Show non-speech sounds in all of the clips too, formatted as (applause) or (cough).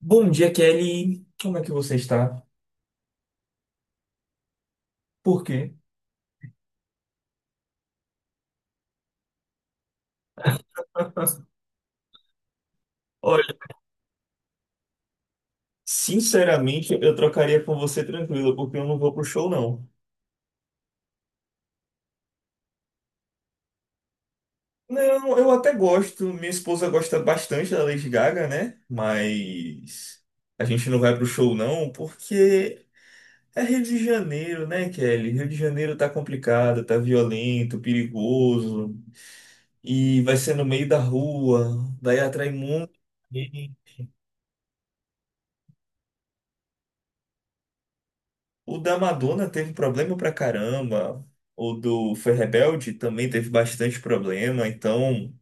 Bom dia, Kelly. Como é que você está? Por quê? Olha, sinceramente, eu trocaria com você tranquilo, porque eu não vou pro show, não. Não, eu até gosto. Minha esposa gosta bastante da Lady Gaga, né? Mas a gente não vai pro show, não, porque é Rio de Janeiro, né, Kelly? Rio de Janeiro tá complicado, tá violento, perigoso, e vai ser no meio da rua, daí atrai muito. O da Madonna teve problema pra caramba. O do Foi Rebelde também teve bastante problema. Então,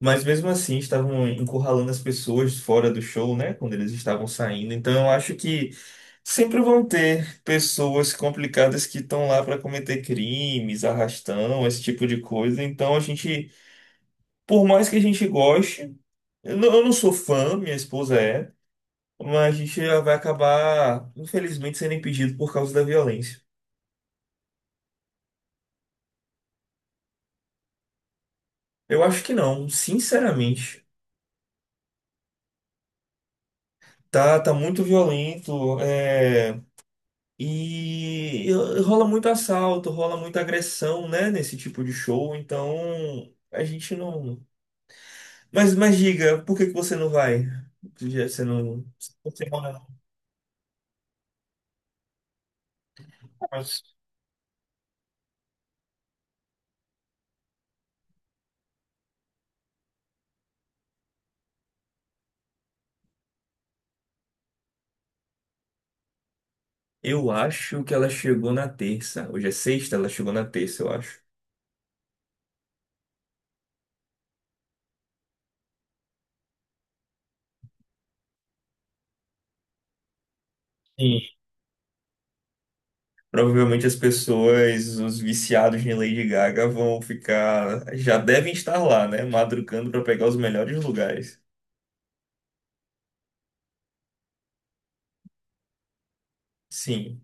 mas mesmo assim estavam encurralando as pessoas fora do show, né? Quando eles estavam saindo. Então, eu acho que sempre vão ter pessoas complicadas que estão lá para cometer crimes, arrastão, esse tipo de coisa. Então, a gente, por mais que a gente goste, eu não sou fã, minha esposa é, mas a gente vai acabar, infelizmente, sendo impedido por causa da violência. Eu acho que não, sinceramente. Tá, tá muito violento, é, e rola muito assalto, rola muita agressão, né, nesse tipo de show, então a gente não. Mas diga, por que que você não vai? Você não. Você mora no- mas- Eu acho que ela chegou na terça. Hoje é sexta, ela chegou na terça, eu acho. Sim. Provavelmente as pessoas, os viciados em Lady Gaga, vão ficar. Já devem estar lá, né? Madrugando para pegar os melhores lugares. Sim.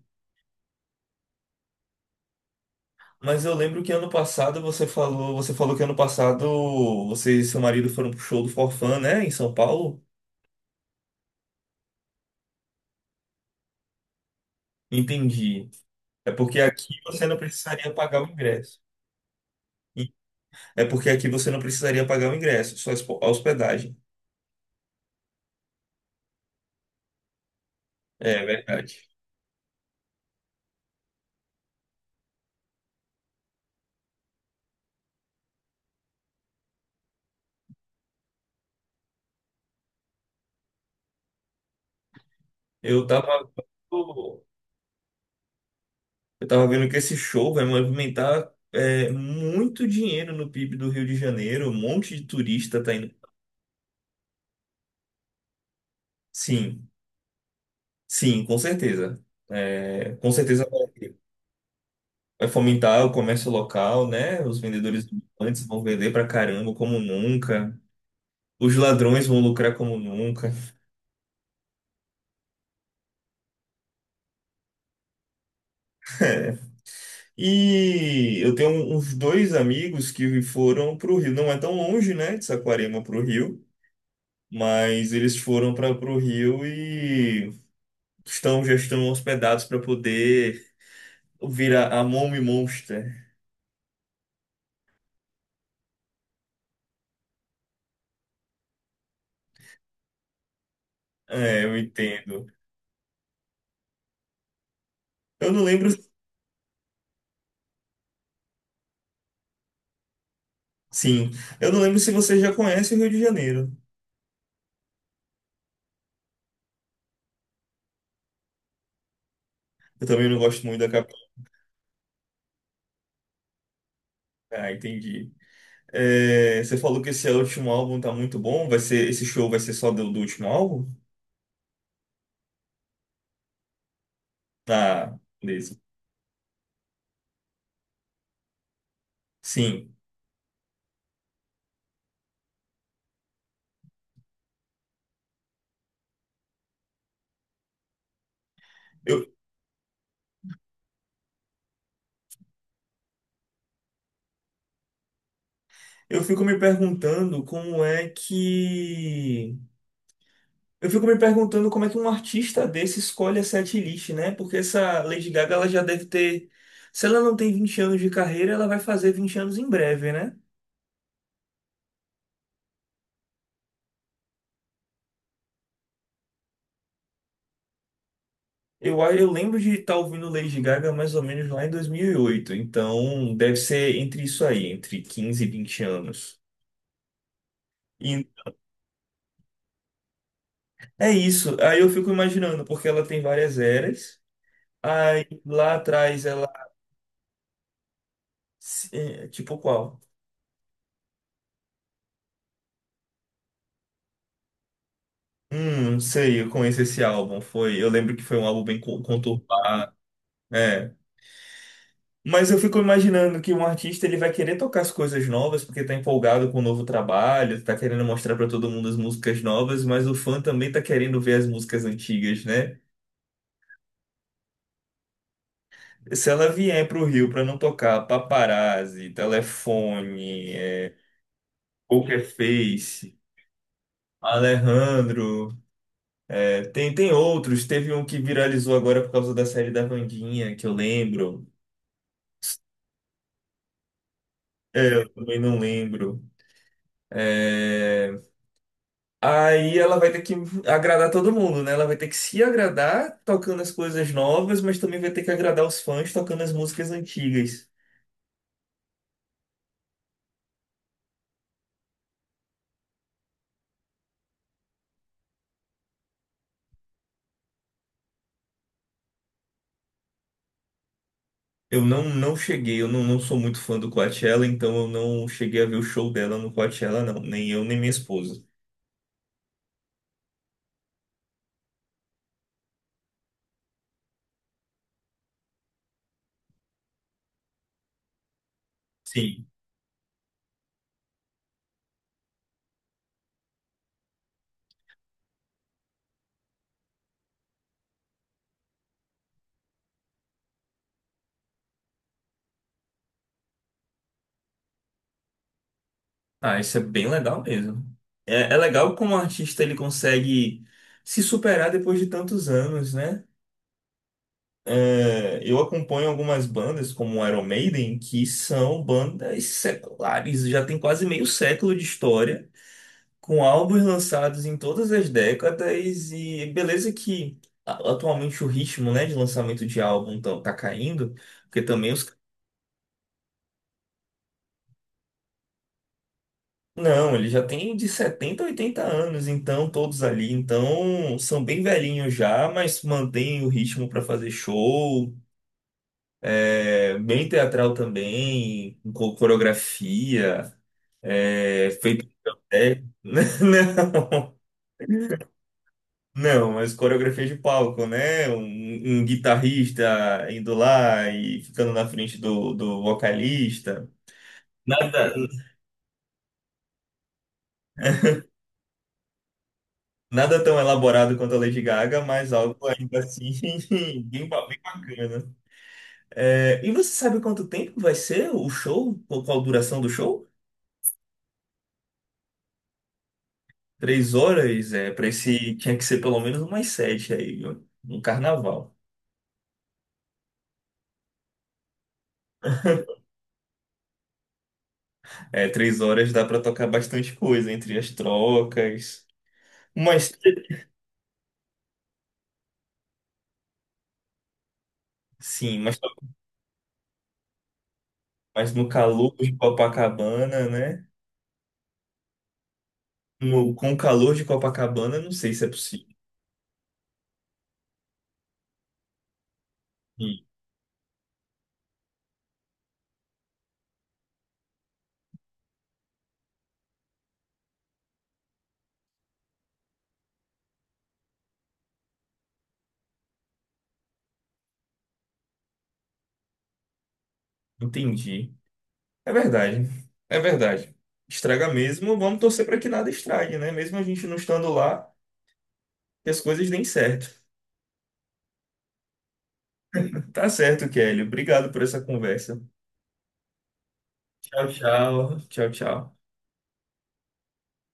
Mas eu lembro que ano passado você falou. Você falou que ano passado você e seu marido foram pro show do Forfã, né? Em São Paulo? Entendi. É porque aqui você não precisaria pagar o ingresso. É porque aqui você não precisaria pagar o ingresso, só a a hospedagem. É verdade. Eu tava. Eu tava vendo que esse show vai movimentar é, muito dinheiro no PIB do Rio de Janeiro. Um monte de turista tá indo. Sim, sim, com certeza. É, com certeza vai fomentar o comércio local, né? Os vendedores ambulantes vão vender pra caramba como nunca. Os ladrões vão lucrar como nunca. E eu tenho um, uns dois amigos que foram pro Rio. Não é tão longe, né? De Saquarema pro Rio. Mas eles foram para pro Rio e já estão hospedados para poder virar a Mommy Monster. É, eu entendo. Eu não lembro, sim, eu não lembro se você já conhece o Rio de Janeiro. Eu também não gosto muito da capital. Ah, entendi. É, você falou que esse último álbum tá muito bom. Esse show vai ser só do, último álbum? Ah, beleza. Sim. Eu, eu fico me perguntando como é que Eu fico me perguntando como é que um artista desse escolhe a setlist, né? Porque essa Lady Gaga, ela já deve ter. Se ela não tem 20 anos de carreira, ela vai fazer 20 anos em breve, né? Eu lembro de estar ouvindo Lady Gaga mais ou menos lá em 2008. Então, deve ser entre isso aí, entre 15 e 20 anos. E é isso. Aí eu fico imaginando, porque ela tem várias eras. Aí lá atrás ela. É, tipo qual? Não sei, eu conheço esse álbum. Foi, eu lembro que foi um álbum bem conturbado. É. Mas eu fico imaginando que um artista ele vai querer tocar as coisas novas porque tá empolgado com o novo trabalho, tá querendo mostrar para todo mundo as músicas novas, mas o fã também tá querendo ver as músicas antigas, né? Se ela vier pro Rio para não tocar Paparazzi, Telefone, é, Poker Face, Alejandro, é, tem outros, teve um que viralizou agora por causa da série da Wandinha, que eu lembro. É, eu também não lembro. É, aí ela vai ter que agradar todo mundo, né? Ela vai ter que se agradar tocando as coisas novas, mas também vai ter que agradar os fãs tocando as músicas antigas. Eu não cheguei, eu não sou muito fã do Coachella, então eu não cheguei a ver o show dela no Coachella, não. Nem eu, nem minha esposa. Sim. Ah, isso é bem legal mesmo. É, é legal como o artista ele consegue se superar depois de tantos anos, né? É, eu acompanho algumas bandas como Iron Maiden, que são bandas seculares, já tem quase meio século de história, com álbuns lançados em todas as décadas, e beleza que atualmente o ritmo, né, de lançamento de álbum tá caindo, porque também os. Não, eles já têm de 70 a 80 anos, então todos ali, então são bem velhinhos já, mas mantêm o ritmo para fazer show, é, bem teatral também, com coreografia, é, feito de papel. (laughs) Não, não, mas coreografia de palco, né? Um guitarrista indo lá e ficando na frente do, vocalista. Nada, nada tão elaborado quanto a Lady Gaga, mas algo ainda assim (laughs) bem, bem bacana. É, e você sabe quanto tempo vai ser o show? Qual a duração do show? 3 horas, é para esse tinha que ser pelo menos umas sete aí, ó, no carnaval. É, 3 horas dá para tocar bastante coisa entre as trocas. Mas sim, mas, no calor de Copacabana, né? No, com o calor de Copacabana, não sei se é possível. Sim, entendi. É verdade. É verdade. Estraga mesmo, vamos torcer para que nada estrague, né? Mesmo a gente não estando lá, que as coisas deem certo. Tá certo, Kelly. Obrigado por essa conversa. Tchau, tchau. Tchau, tchau.